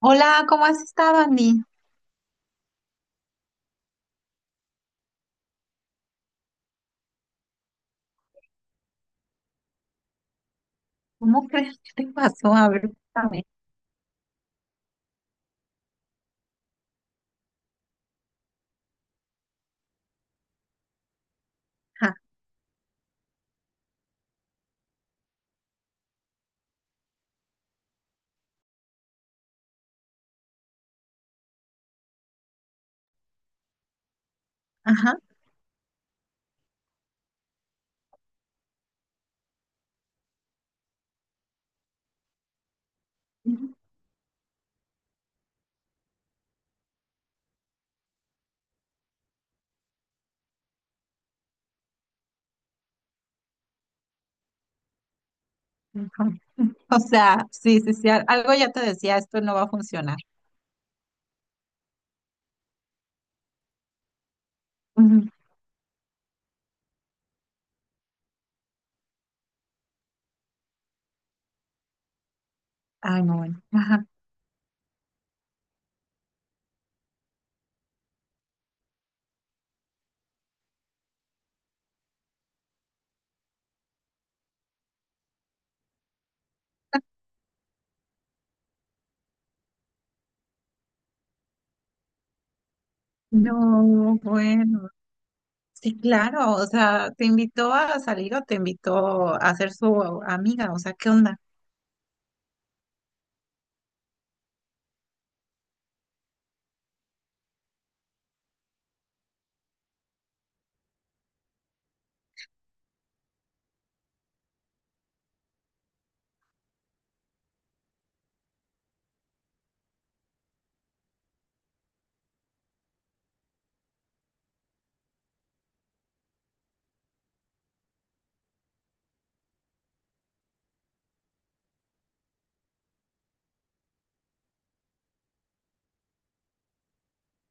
Hola, ¿cómo has estado, Andy? ¿Cómo crees qué te pasó? A ver, cuéntame. Ajá. Ajá. Ujú. Ujú. O sea, sí, sí, sí, algo ya te decía, esto no va a funcionar. Ujú. Ay, no, bueno. Ajá. No, bueno. Sí, claro, o sea, te invitó a salir o te invitó a ser su amiga, o sea, ¿qué onda?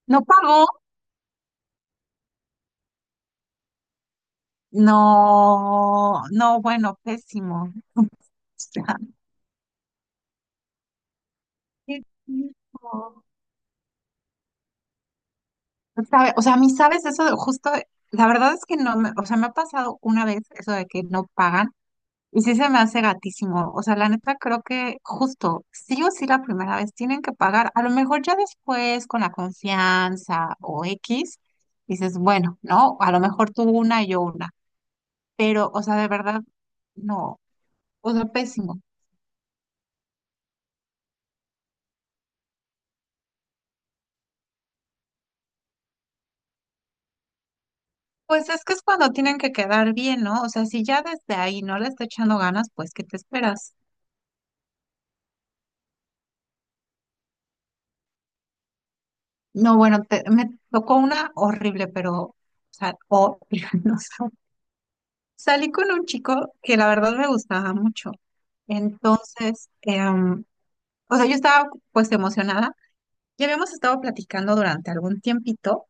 ¿No pagó? No, no, bueno, pésimo. O sea, qué triste. ¿Sabe? O sea, a mí, ¿sabes eso de justo? La verdad es que no me, o sea, me ha pasado una vez eso de que no pagan y sí se me hace gatísimo. O sea, la neta creo que justo, sí o sí la primera vez tienen que pagar. A lo mejor ya después con la confianza o X, dices, bueno, ¿no? A lo mejor tú una y yo una. Pero, o sea, de verdad, no. O sea, pésimo. Pues es que es cuando tienen que quedar bien, ¿no? O sea, si ya desde ahí no le está echando ganas, pues, ¿qué te esperas? No, bueno, me tocó una horrible, pero, o sea, horrible, no sé. Salí con un chico que la verdad me gustaba mucho. Entonces, o sea, yo estaba pues emocionada. Ya habíamos estado platicando durante algún tiempito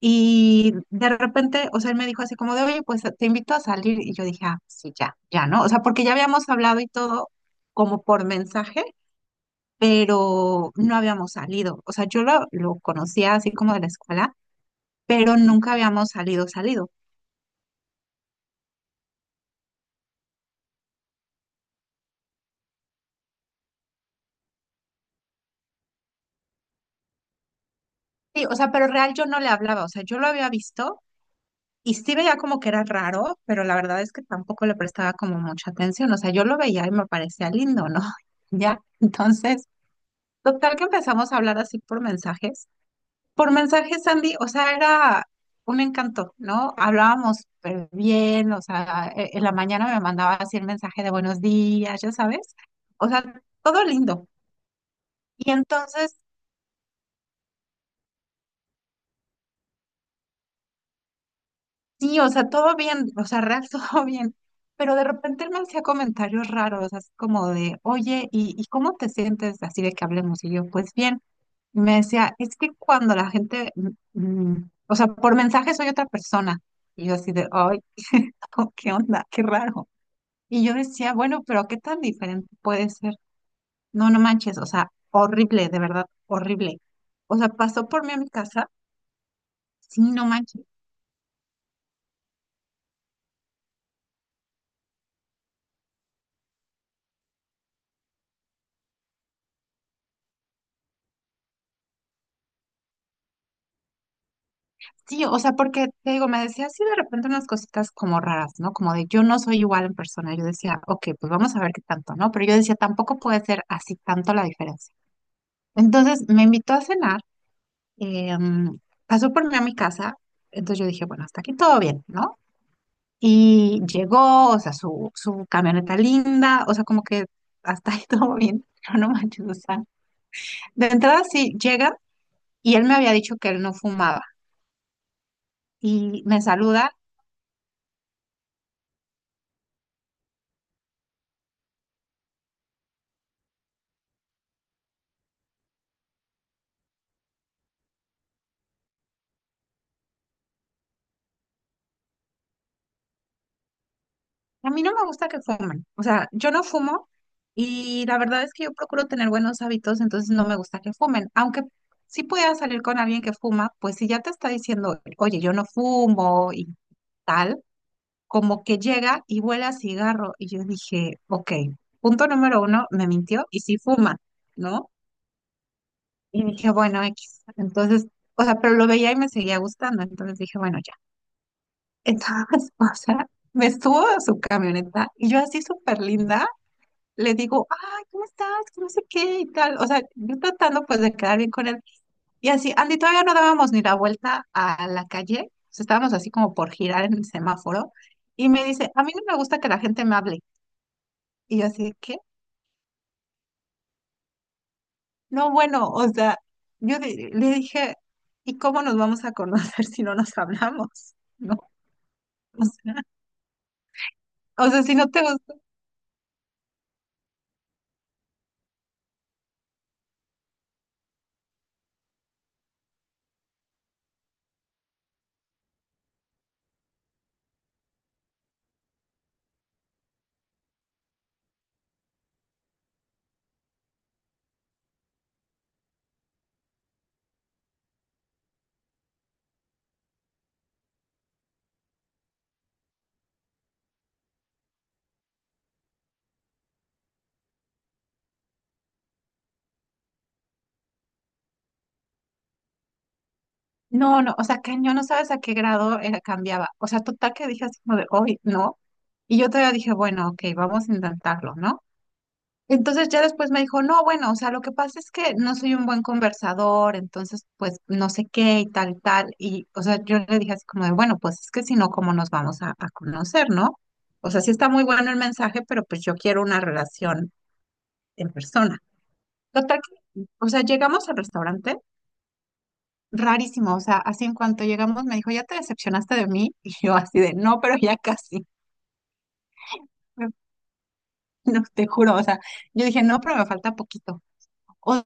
y de repente, o sea, él me dijo así como de, oye, pues te invito a salir. Y yo dije, ah, sí, ya, ya, ¿no? O sea, porque ya habíamos hablado y todo como por mensaje, pero no habíamos salido. O sea, yo lo conocía así como de la escuela, pero nunca habíamos salido, salido. Sí, o sea, pero real yo no le hablaba, o sea, yo lo había visto y sí veía como que era raro, pero la verdad es que tampoco le prestaba como mucha atención, o sea, yo lo veía y me parecía lindo, ¿no? Ya, entonces, total que empezamos a hablar así por mensajes. Por mensajes, Sandy, o sea, era un encanto, ¿no? Hablábamos súper bien, o sea, en la mañana me mandaba así el mensaje de buenos días, ya sabes, o sea, todo lindo. Y entonces. Sí, o sea, todo bien, o sea, real, todo bien. Pero de repente él me hacía comentarios raros, así como de, oye, ¿y cómo te sientes así de que hablemos? Y yo, pues bien. Y me decía, es que cuando la gente, o sea, por mensaje soy otra persona. Y yo así de, ay, ¿qué onda? Qué raro. Y yo decía, bueno, pero ¿qué tan diferente puede ser? No, no manches, o sea, horrible, de verdad, horrible. O sea, pasó por mí a mi casa, sí, no manches. Sí, o sea, porque te digo, me decía así de repente unas cositas como raras, ¿no? Como de yo no soy igual en persona. Yo decía, ok, pues vamos a ver qué tanto, ¿no? Pero yo decía, tampoco puede ser así tanto la diferencia. Entonces me invitó a cenar, eh, pasó por mí a mi casa, entonces yo dije, bueno, hasta aquí todo bien, ¿no? Y llegó, o sea, su camioneta linda, o sea, como que hasta ahí todo bien, pero no manches, o sea, de entrada sí llega, y él me había dicho que él no fumaba, y me saluda. A mí no me gusta que fumen. O sea, yo no fumo y la verdad es que yo procuro tener buenos hábitos, entonces no me gusta que fumen. Aunque sí pueda salir con alguien que fuma, pues si ya te está diciendo, oye, yo no fumo y tal, como que llega y huele a cigarro. Y yo dije, ok, punto número uno, me mintió y sí fuma, ¿no? Y dije, bueno, X. Entonces, o sea, pero lo veía y me seguía gustando. Entonces dije, bueno, ya. Entonces, o sea, me estuvo a su camioneta y yo así súper linda. Le digo, ay, ¿cómo estás? Que no sé qué y tal. O sea, yo tratando pues de quedar bien con él. Y así, Andy, todavía no dábamos ni la vuelta a la calle. O sea, estábamos así como por girar en el semáforo. Y me dice, a mí no me gusta que la gente me hable. Y yo así, ¿qué? No, bueno, o sea, yo le dije, ¿y cómo nos vamos a conocer si no nos hablamos? ¿No? O sea, si no te gusta. No, no, o sea, que yo no sabes a qué grado era, cambiaba. O sea, total que dije así como de hoy, no. Y yo todavía dije, bueno, ok, vamos a intentarlo, ¿no? Entonces ya después me dijo, no, bueno, o sea, lo que pasa es que no soy un buen conversador, entonces pues no sé qué y tal, tal. Y, o sea, yo le dije así como de, bueno, pues es que si no, ¿cómo nos vamos a conocer, no? O sea, sí está muy bueno el mensaje, pero pues yo quiero una relación en persona. Total que, o sea, llegamos al restaurante rarísimo, o sea, así en cuanto llegamos me dijo, ¿ya te decepcionaste de mí? Y yo así de, no, pero ya casi, no, te juro, o sea, yo dije, no, pero me falta poquito. O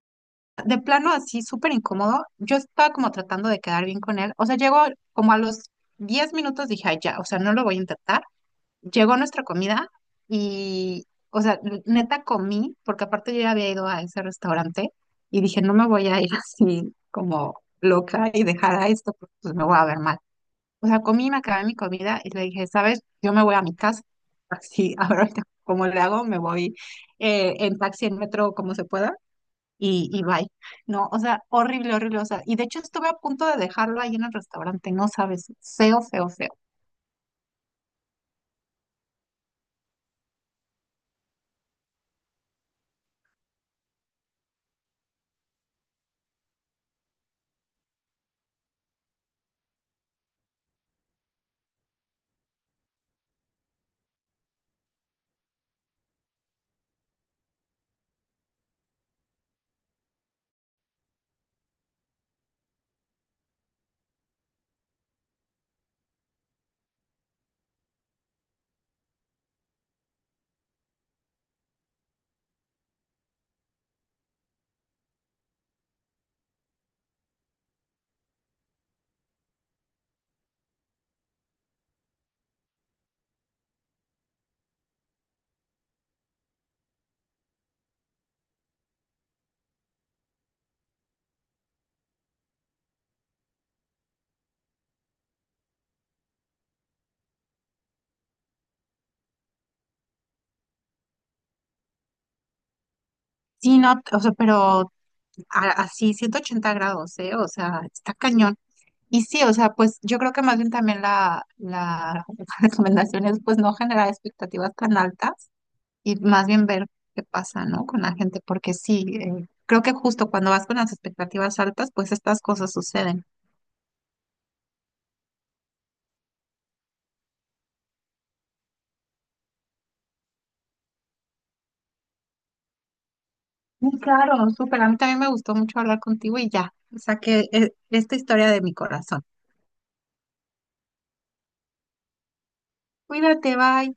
de plano así, súper incómodo, yo estaba como tratando de quedar bien con él, o sea, llegó como a los 10 minutos, dije, ay, ya, o sea, no lo voy a intentar. Llegó nuestra comida y, o sea, neta comí, porque aparte yo ya había ido a ese restaurante y dije, no me voy a ir así como loca y dejar a esto, porque pues me voy a ver mal. O sea, comí, me acabé mi comida y le dije, ¿sabes? Yo me voy a mi casa. Así, ahora ahorita, cómo le hago, me voy en taxi, en metro, como se pueda, y bye. No, o sea, horrible, horrible. O sea, y de hecho estuve a punto de dejarlo ahí en el restaurante, no sabes, feo, feo, feo. Sí, no, o sea, pero así, 180 grados, ¿eh? O sea, está cañón. Y sí, o sea, pues yo creo que más bien también la recomendación es pues no generar expectativas tan altas y más bien ver qué pasa, ¿no? Con la gente, porque sí, creo que justo cuando vas con las expectativas altas, pues estas cosas suceden. Muy claro, súper. A mí también me gustó mucho hablar contigo y ya, saqué esta historia de mi corazón. Cuídate, bye.